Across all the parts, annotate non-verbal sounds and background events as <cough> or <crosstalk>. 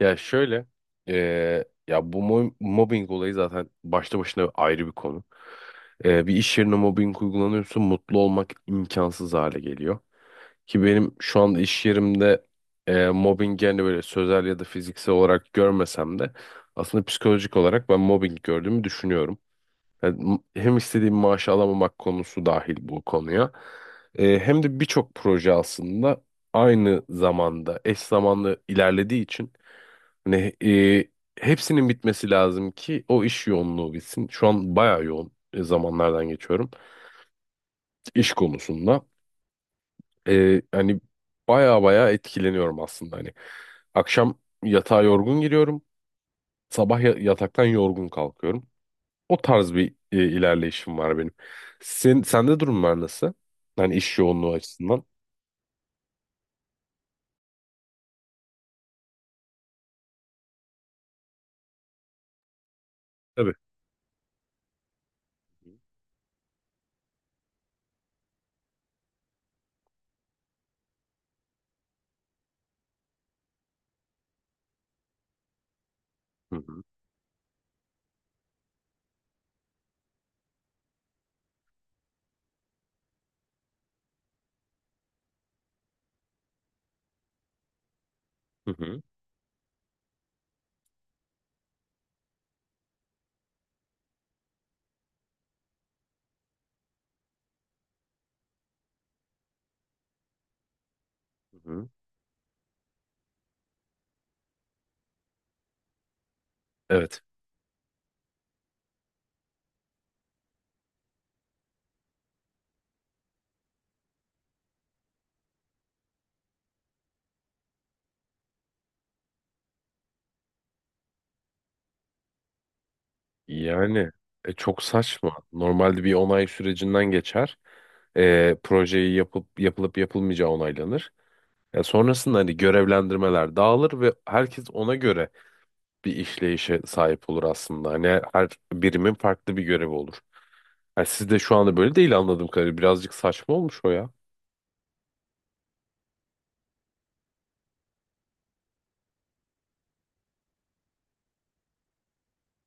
Ya şöyle, ya bu mobbing olayı zaten başta başına ayrı bir konu. Bir iş yerine mobbing uygulanıyorsa mutlu olmak imkansız hale geliyor. Ki benim şu anda iş yerimde mobbing, yani böyle sözel ya da fiziksel olarak görmesem de aslında psikolojik olarak ben mobbing gördüğümü düşünüyorum. Yani hem istediğim maaşı alamamak konusu dahil bu konuya. Hem de birçok proje aslında aynı zamanda eş zamanlı ilerlediği için hani hepsinin bitmesi lazım ki o iş yoğunluğu bitsin. Şu an bayağı yoğun zamanlardan geçiyorum iş konusunda. Hani bayağı bayağı etkileniyorum aslında hani. Akşam yatağa yorgun giriyorum. Sabah yataktan yorgun kalkıyorum. O tarz bir ilerleyişim var benim. Sende durumlar nasıl? Hani iş yoğunluğu açısından. Tabii. Hı hı. Hı hı. Hı hı. Evet. Yani çok saçma. Normalde bir onay sürecinden geçer. Projeyi yapılıp yapılmayacağı onaylanır. Sonrasında hani görevlendirmeler dağılır ve herkes ona göre bir işleyişe sahip olur aslında. Hani her birimin farklı bir görevi olur. Yani sizde şu anda böyle değil, anladığım kadarıyla. Birazcık saçma olmuş o ya.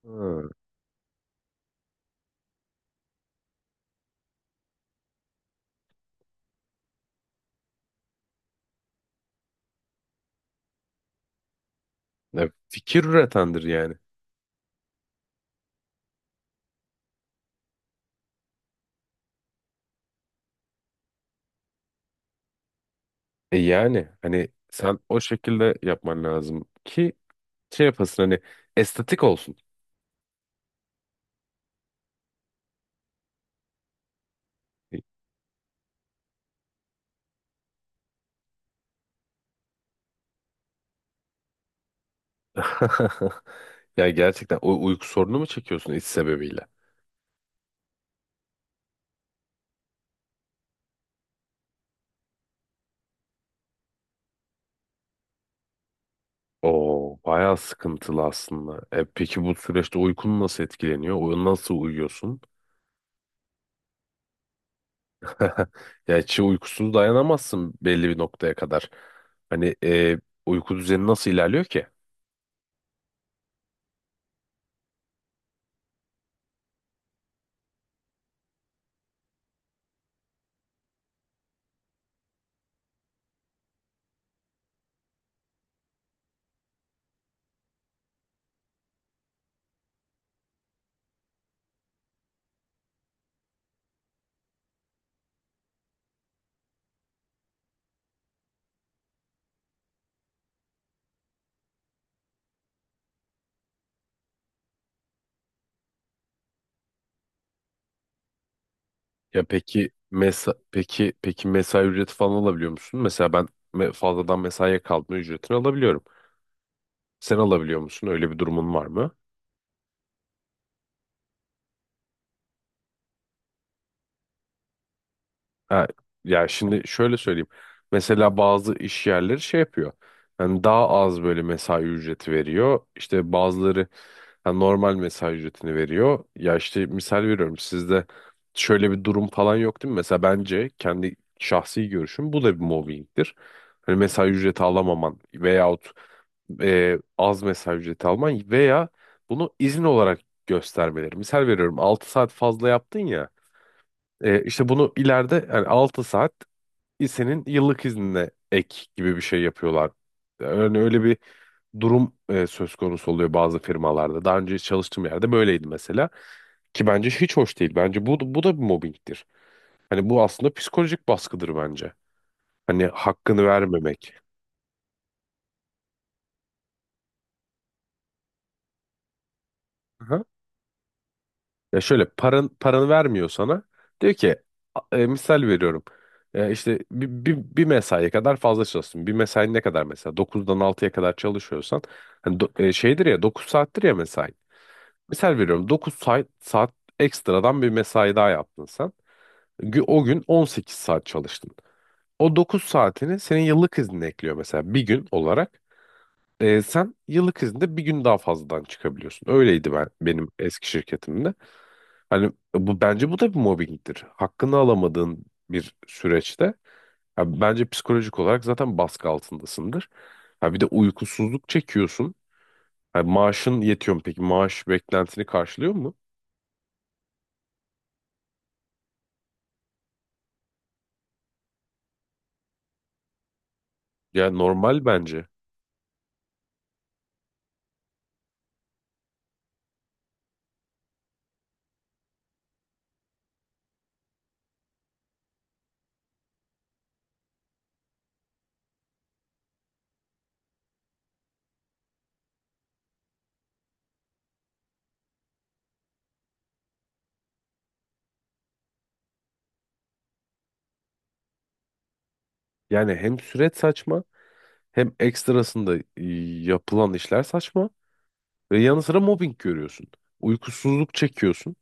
Hı. Fikir üretendir yani. Yani hani sen o şekilde yapman lazım ki şey yapasın hani estetik olsun. <laughs> Ya gerçekten o uyku sorunu mu çekiyorsun iş sebebiyle? Oo, bayağı sıkıntılı aslında. Peki bu süreçte uykun nasıl etkileniyor? Nasıl uyuyorsun? <laughs> Ya hiç uykusuz dayanamazsın belli bir noktaya kadar. Hani uyku düzeni nasıl ilerliyor ki? Ya peki mesai ücreti falan alabiliyor musun? Mesela ben fazladan mesaiye kalma ücretini alabiliyorum. Sen alabiliyor musun? Öyle bir durumun var mı? Ha, ya şimdi şöyle söyleyeyim. Mesela bazı iş yerleri şey yapıyor. Yani daha az böyle mesai ücreti veriyor. İşte bazıları hani normal mesai ücretini veriyor. Ya işte misal veriyorum, sizde şöyle bir durum falan yok değil mi? Mesela bence, kendi şahsi görüşüm, bu da bir mobbingdir. Hani mesai ücreti alamaman veyahut az mesai ücreti alman veya bunu izin olarak göstermeleri. Misal veriyorum, 6 saat fazla yaptın ya. İşte bunu ileride, yani 6 saat, senin yıllık iznine ek gibi bir şey yapıyorlar. Yani öyle bir durum söz konusu oluyor bazı firmalarda. Daha önce çalıştığım yerde böyleydi mesela. Ki bence hiç hoş değil. Bence bu, bu da bir mobbingdir. Hani bu aslında psikolojik baskıdır bence. Hani hakkını vermemek. Aha. Ya şöyle, paranı vermiyor sana. Diyor ki misal veriyorum. İşte bir mesaiye kadar fazla çalışsın. Bir mesai ne kadar mesela? Dokuzdan altıya kadar çalışıyorsan. Hani şeydir ya, 9 saattir ya mesai. Misal veriyorum 9 saat ekstradan bir mesai daha yaptın sen. O gün 18 saat çalıştın. O 9 saatini senin yıllık iznine ekliyor mesela, bir gün olarak. Sen yıllık izinde bir gün daha fazladan çıkabiliyorsun. Öyleydi benim eski şirketimde. Hani bence bu da bir mobbingdir. Hakkını alamadığın bir süreçte ya bence psikolojik olarak zaten baskı altındasındır. Ha bir de uykusuzluk çekiyorsun. Ha, maaşın yetiyor mu peki? Maaş beklentini karşılıyor mu? Ya normal bence. Yani hem süreç saçma, hem ekstrasında yapılan işler saçma ve yanı sıra mobbing görüyorsun. Uykusuzluk çekiyorsun.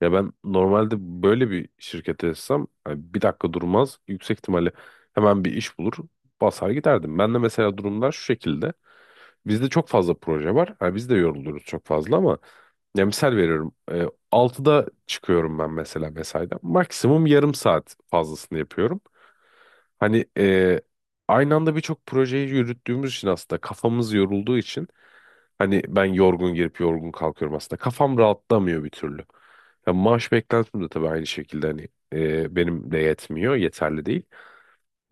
Ya ben normalde böyle bir şirkete etsem hani bir dakika durmaz. Yüksek ihtimalle hemen bir iş bulur, basar giderdim. Ben de mesela, durumlar şu şekilde. Bizde çok fazla proje var. Ha, biz de yoruluyoruz çok fazla, ama ya misal veriyorum. 6'da çıkıyorum ben mesela mesaiden. Maksimum yarım saat fazlasını yapıyorum. Hani aynı anda birçok projeyi yürüttüğümüz için, aslında kafamız yorulduğu için hani ben yorgun girip yorgun kalkıyorum aslında. Kafam rahatlamıyor bir türlü. Ya maaş beklentim de tabii aynı şekilde hani benim de yetmiyor, yeterli değil.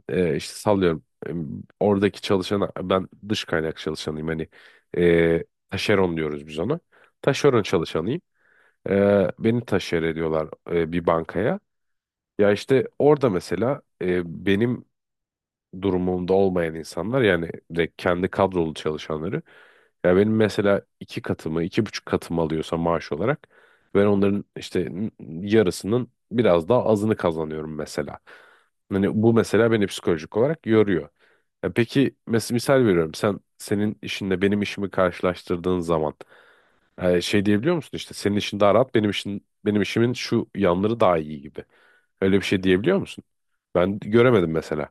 İşte sallıyorum, oradaki çalışana, ben dış kaynak çalışanıyım hani, e, taşeron diyoruz biz ona. Taşeron çalışanıyım. Beni taşer ediyorlar bir bankaya. Ya işte orada mesela benim durumunda olmayan insanlar, yani direkt kendi kadrolu çalışanları. Ya benim mesela iki katımı, iki buçuk katımı alıyorsa maaş olarak, ben onların işte yarısının biraz daha azını kazanıyorum mesela. Hani bu mesela beni psikolojik olarak yoruyor. Ya peki mesela, misal veriyorum, sen senin işinle benim işimi karşılaştırdığın zaman şey diyebiliyor musun, işte senin işin daha rahat, benim işin, benim işimin şu yanları daha iyi gibi. Öyle bir şey diyebiliyor musun? Ben göremedim mesela.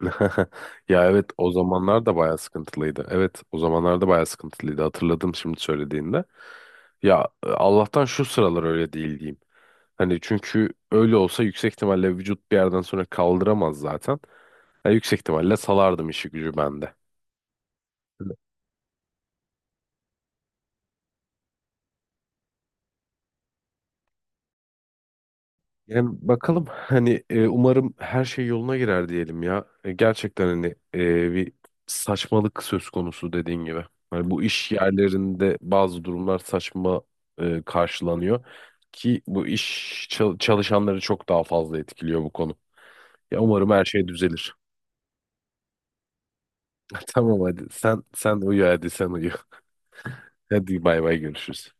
<laughs> Ya evet, o zamanlar da bayağı sıkıntılıydı. Evet, o zamanlar da bayağı sıkıntılıydı. Hatırladım şimdi söylediğinde. Ya Allah'tan şu sıralar öyle değil diyeyim. Hani çünkü öyle olsa yüksek ihtimalle vücut bir yerden sonra kaldıramaz zaten. Ya yüksek ihtimalle salardım işi gücü bende. Yani bakalım hani umarım her şey yoluna girer diyelim ya. Gerçekten hani bir saçmalık söz konusu, dediğin gibi. Hani bu iş yerlerinde bazı durumlar saçma karşılanıyor ki bu iş çalışanları çok daha fazla etkiliyor bu konu. Ya umarım her şey düzelir. <laughs> Tamam, hadi sen uyu, hadi sen uyu. <laughs> Hadi bay bay, görüşürüz.